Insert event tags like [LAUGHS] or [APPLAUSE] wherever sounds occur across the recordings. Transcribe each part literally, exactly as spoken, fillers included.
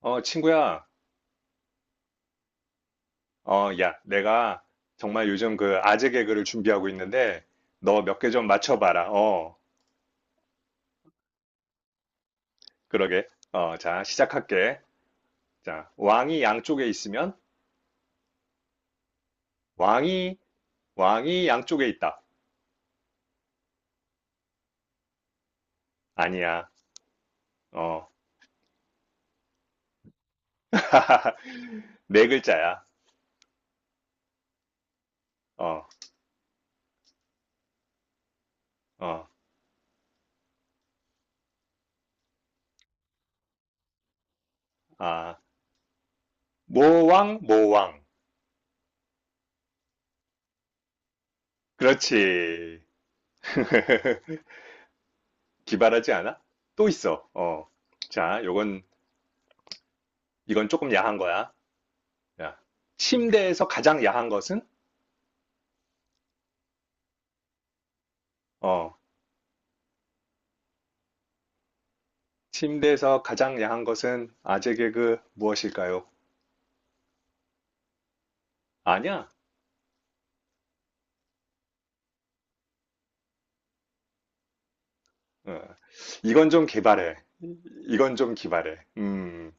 어, 친구야. 어, 야, 내가 정말 요즘 그 아재 개그를 준비하고 있는데, 너 몇 개 좀 맞춰봐라. 어, 그러게. 어, 자, 시작할게. 자, 왕이 양쪽에 있으면, 왕이, 왕이 양쪽에 있다. 아니야. 어, [LAUGHS] 네 글자야. 어, 어, 아, 모왕, 모왕. 그렇지. [LAUGHS] 기발하지 않아? 또 있어. 어, 자, 요건, 이건 조금 야한 거야. 야, 침대에서 가장 야한 것은? 어, 침대에서 가장 야한 것은 아재 개그 무엇일까요? 아니야. 어, 이건 좀 개발해. 이건 좀 기발해. 음,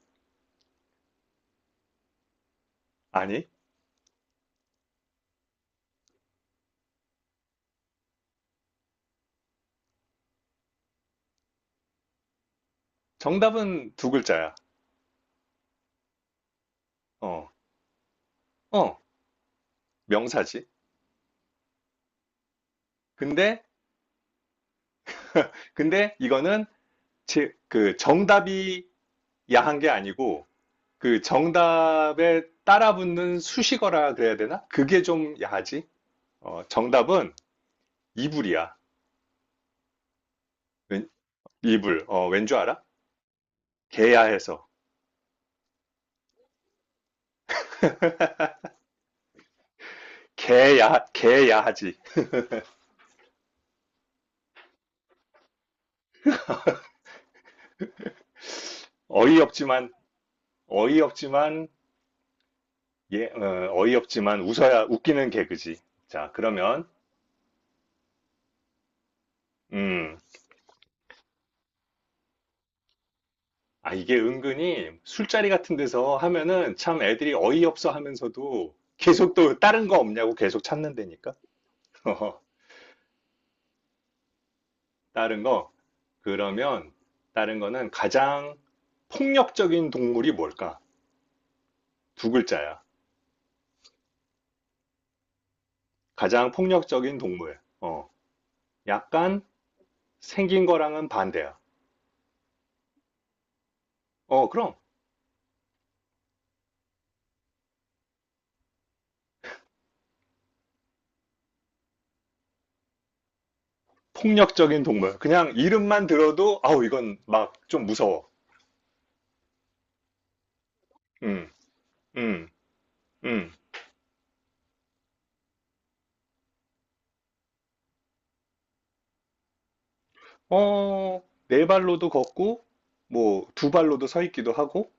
아니. 정답은 두 글자야. 어, 어, 명사지. 근데, 근데 이거는 제- 그 정답이 야한 게 아니고 그 정답에 따라붙는 수식어라 그래야 되나? 그게 좀 야하지. 어, 정답은 이불이야. 웬- 이불. 어, 왠 줄 알아? 개야해서 개야 개야하지 어이없지만 어이없지만 예, 어, 이없지만 웃어야 웃기는 개그지. 자, 그러면 음, 아 이게 은근히 술자리 같은 데서 하면은 참 애들이 어이없어 하면서도 계속 또 다른 거 없냐고 계속 찾는 데니까. [LAUGHS] 다른 거 그러면 다른 거는 가장 폭력적인 동물이 뭘까? 두 글자야. 가장 폭력적인 동물. 어, 약간 생긴 거랑은 반대야. 어, 그럼. 폭력적인 동물. 그냥 이름만 들어도, 아우, 이건 막 좀 무서워. 음, 음, 음. 어, 네 발로도 걷고, 뭐, 두 발로도 서 있기도 하고,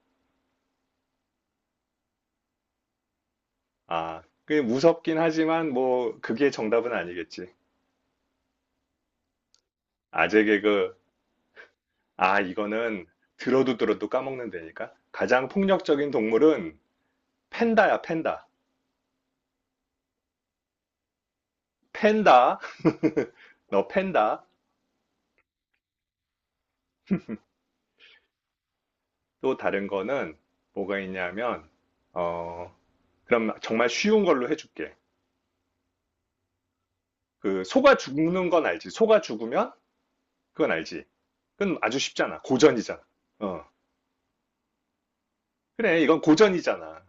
아, 그게 무섭긴 하지만, 뭐, 그게 정답은 아니겠지. 아재 개그, 아, 이거는 들어도 들어도 까먹는다니까. 가장 폭력적인 동물은 팬다야, 팬다. 팬다, 너 팬다. 또 다른 거는 뭐가 있냐면, 어, 그럼 정말 쉬운 걸로 해줄게. 그 소가 죽는 건 알지. 소가 죽으면 그건 알지. 그건 아주 쉽잖아. 고전이잖아. 어. 그래, 이건 고전이잖아.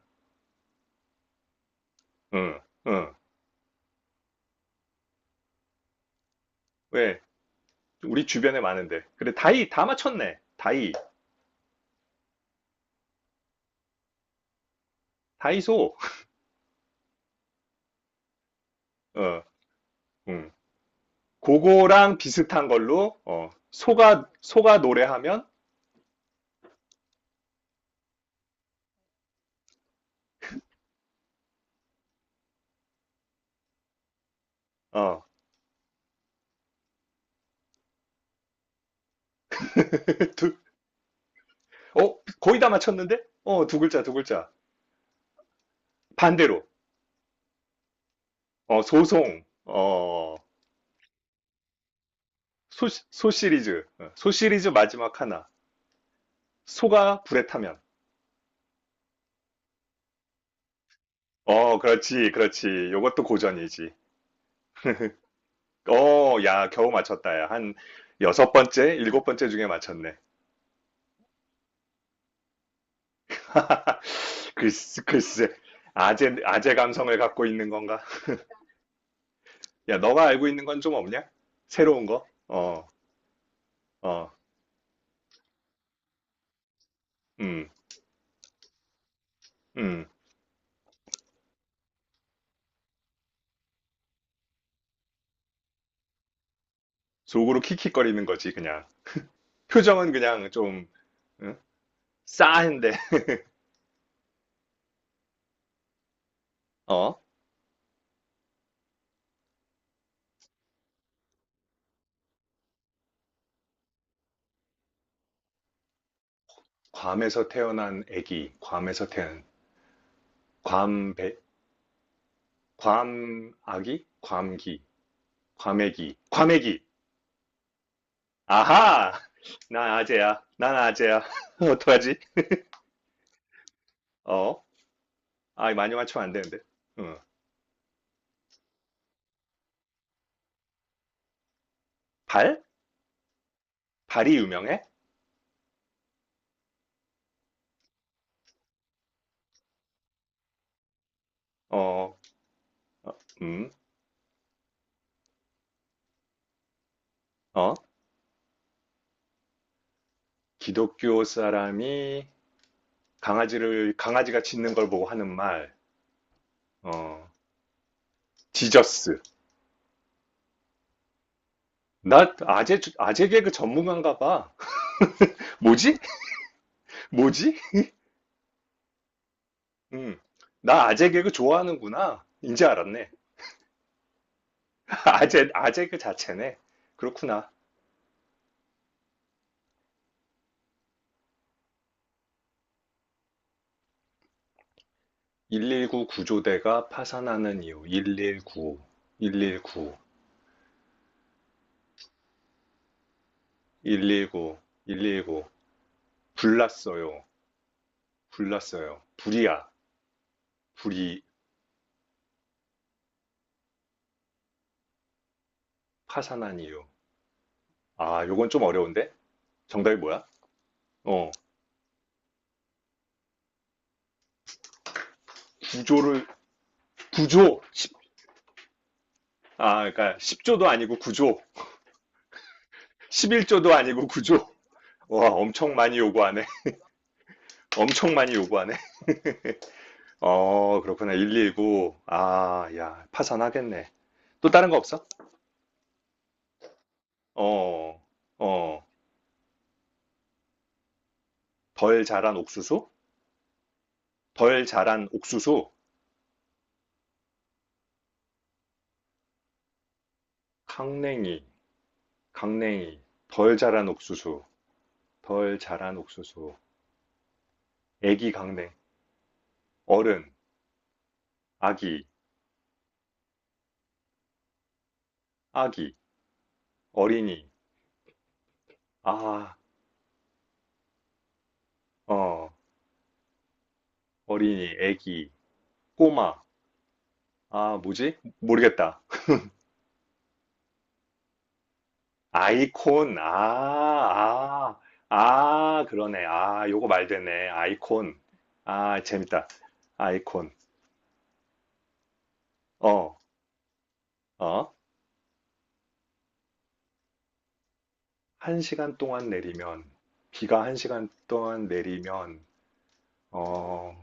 응, 응. 왜? 우리 주변에 많은데. 그래, 다이, 다 맞췄네. 다이, 다이소. 어, 응. 그거랑 비슷한 걸로, 어, 소가, 소가 노래하면, 어, [LAUGHS] 두, 어, 거의 다 맞췄는데? 어, 두 글자, 두 글자. 반대로, 어, 소송, 어, 소, 소 시리즈, 어, 소 시리즈 마지막 하나. 소가 불에 타면. 어, 그렇지, 그렇지. 요것도 고전이지. 어, 야, 겨우 맞췄다, 야. 한 여섯 번째, 일곱 번째 중에 맞췄네. [LAUGHS] 글쎄, 글쎄. 아재, 아재 감성을 갖고 있는 건가? 야, 너가 알고 있는 건 좀 없냐? 새로운 거? 어, 어, 음, 음. 속으로 킥킥거리는 거지, 그냥. 표정은 그냥 좀, 응? 싸한데. [LAUGHS] 어? 괌에서 태어난 애기. 괌에서 태어난, 괌, 배, 괌, 아기? 괌기. 과메기. 과메기. 아하! 난 아재야. 난 아재야. [LAUGHS] 어떡하지? 어? 아, 많이 맞추면 안 되는데. 응. 발? 발이 유명해? 어, 음, 어? 기독교 사람이 강아지를, 강아지가 짖는 걸 보고 하는 말. 어, 지저스. 나 아재, 아재 개그 전문가인가 봐. 뭐지? 뭐지? 음, 나 아재 개그 좋아하는구나. 이제 알았네. [LAUGHS] 아재, 아재 그 자체네. 그렇구나. 일일구 구조대가 파산하는 이유 일일구 일일구 일일구 일일구 불났어요 불났어요 불이야 불이 파산한 이유 아 요건 좀 어려운데 정답이 뭐야? 어 구조를 구조 아 그러니까 십 조도 아니고 구조 십일 조도 아니고 구조 와 엄청 많이 요구하네 [LAUGHS] 엄청 많이 요구하네 어 그렇구나 일일구 아 야 파산하겠네 또 다른 거 없어? 어 어. 덜 자란 옥수수? 덜 자란 옥수수? 강냉이, 강냉이. 덜 자란 옥수수, 덜 자란 옥수수. 애기 강냉, 어른, 아기, 아기, 어린이. 아, 어, 어린이, 애기, 꼬마. 아, 뭐지? 모르겠다. 아이콘, 아, 아, 아, 그러네. 아, 요거 말 되네. 아이콘. 아, 재밌다. 아이콘. 어, 어. 한 시간 동안 내리면, 비가 한 시간 동안 내리면, 어,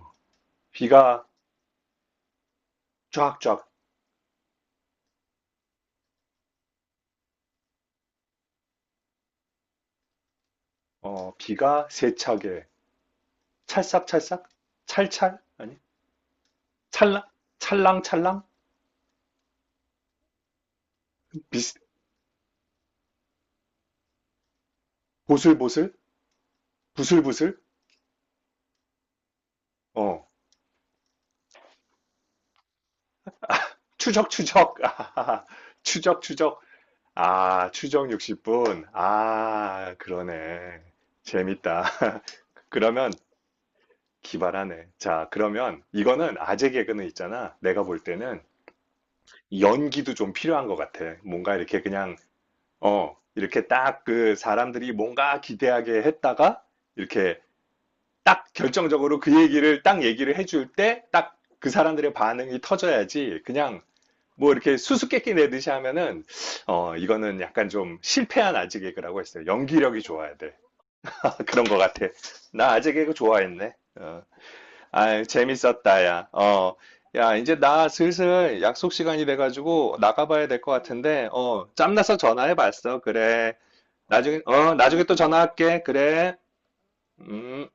비가 쫙쫙, 어, 비가 세차게, 찰싹찰싹? 찰찰? 아니, 찰랑? 찰랑찰랑? 비스, 보슬보슬? 부슬부슬? 어, 추적추적! [LAUGHS] 아하하, 추적추적! 아, 추적 육십 분. 아, 그러네. 재밌다. [LAUGHS] 그러면 기발하네. 자, 그러면 이거는 아재 개그는 있잖아. 내가 볼 때는 연기도 좀 필요한 것 같아. 뭔가 이렇게 그냥, 어, 이렇게 딱 그 사람들이 뭔가 기대하게 했다가, 이렇게 딱 결정적으로 그 얘기를, 딱 얘기를 해줄 때, 딱 그 사람들의 반응이 터져야지. 그냥 뭐 이렇게 수수께끼 내듯이 하면은, 어, 이거는 약간 좀 실패한 아재 개그라고 했어요. 연기력이 좋아야 돼. [LAUGHS] 그런 것 같아. 나 아재 개그 좋아했네. 어. 아유, 재밌었다, 야. 어. 야, 이제 나 슬슬 약속 시간이 돼가지고 나가봐야 될 것 같은데, 어, 짬나서 전화해봤어. 그래. 나중에, 어, 나중에 또 전화할게. 그래. 음.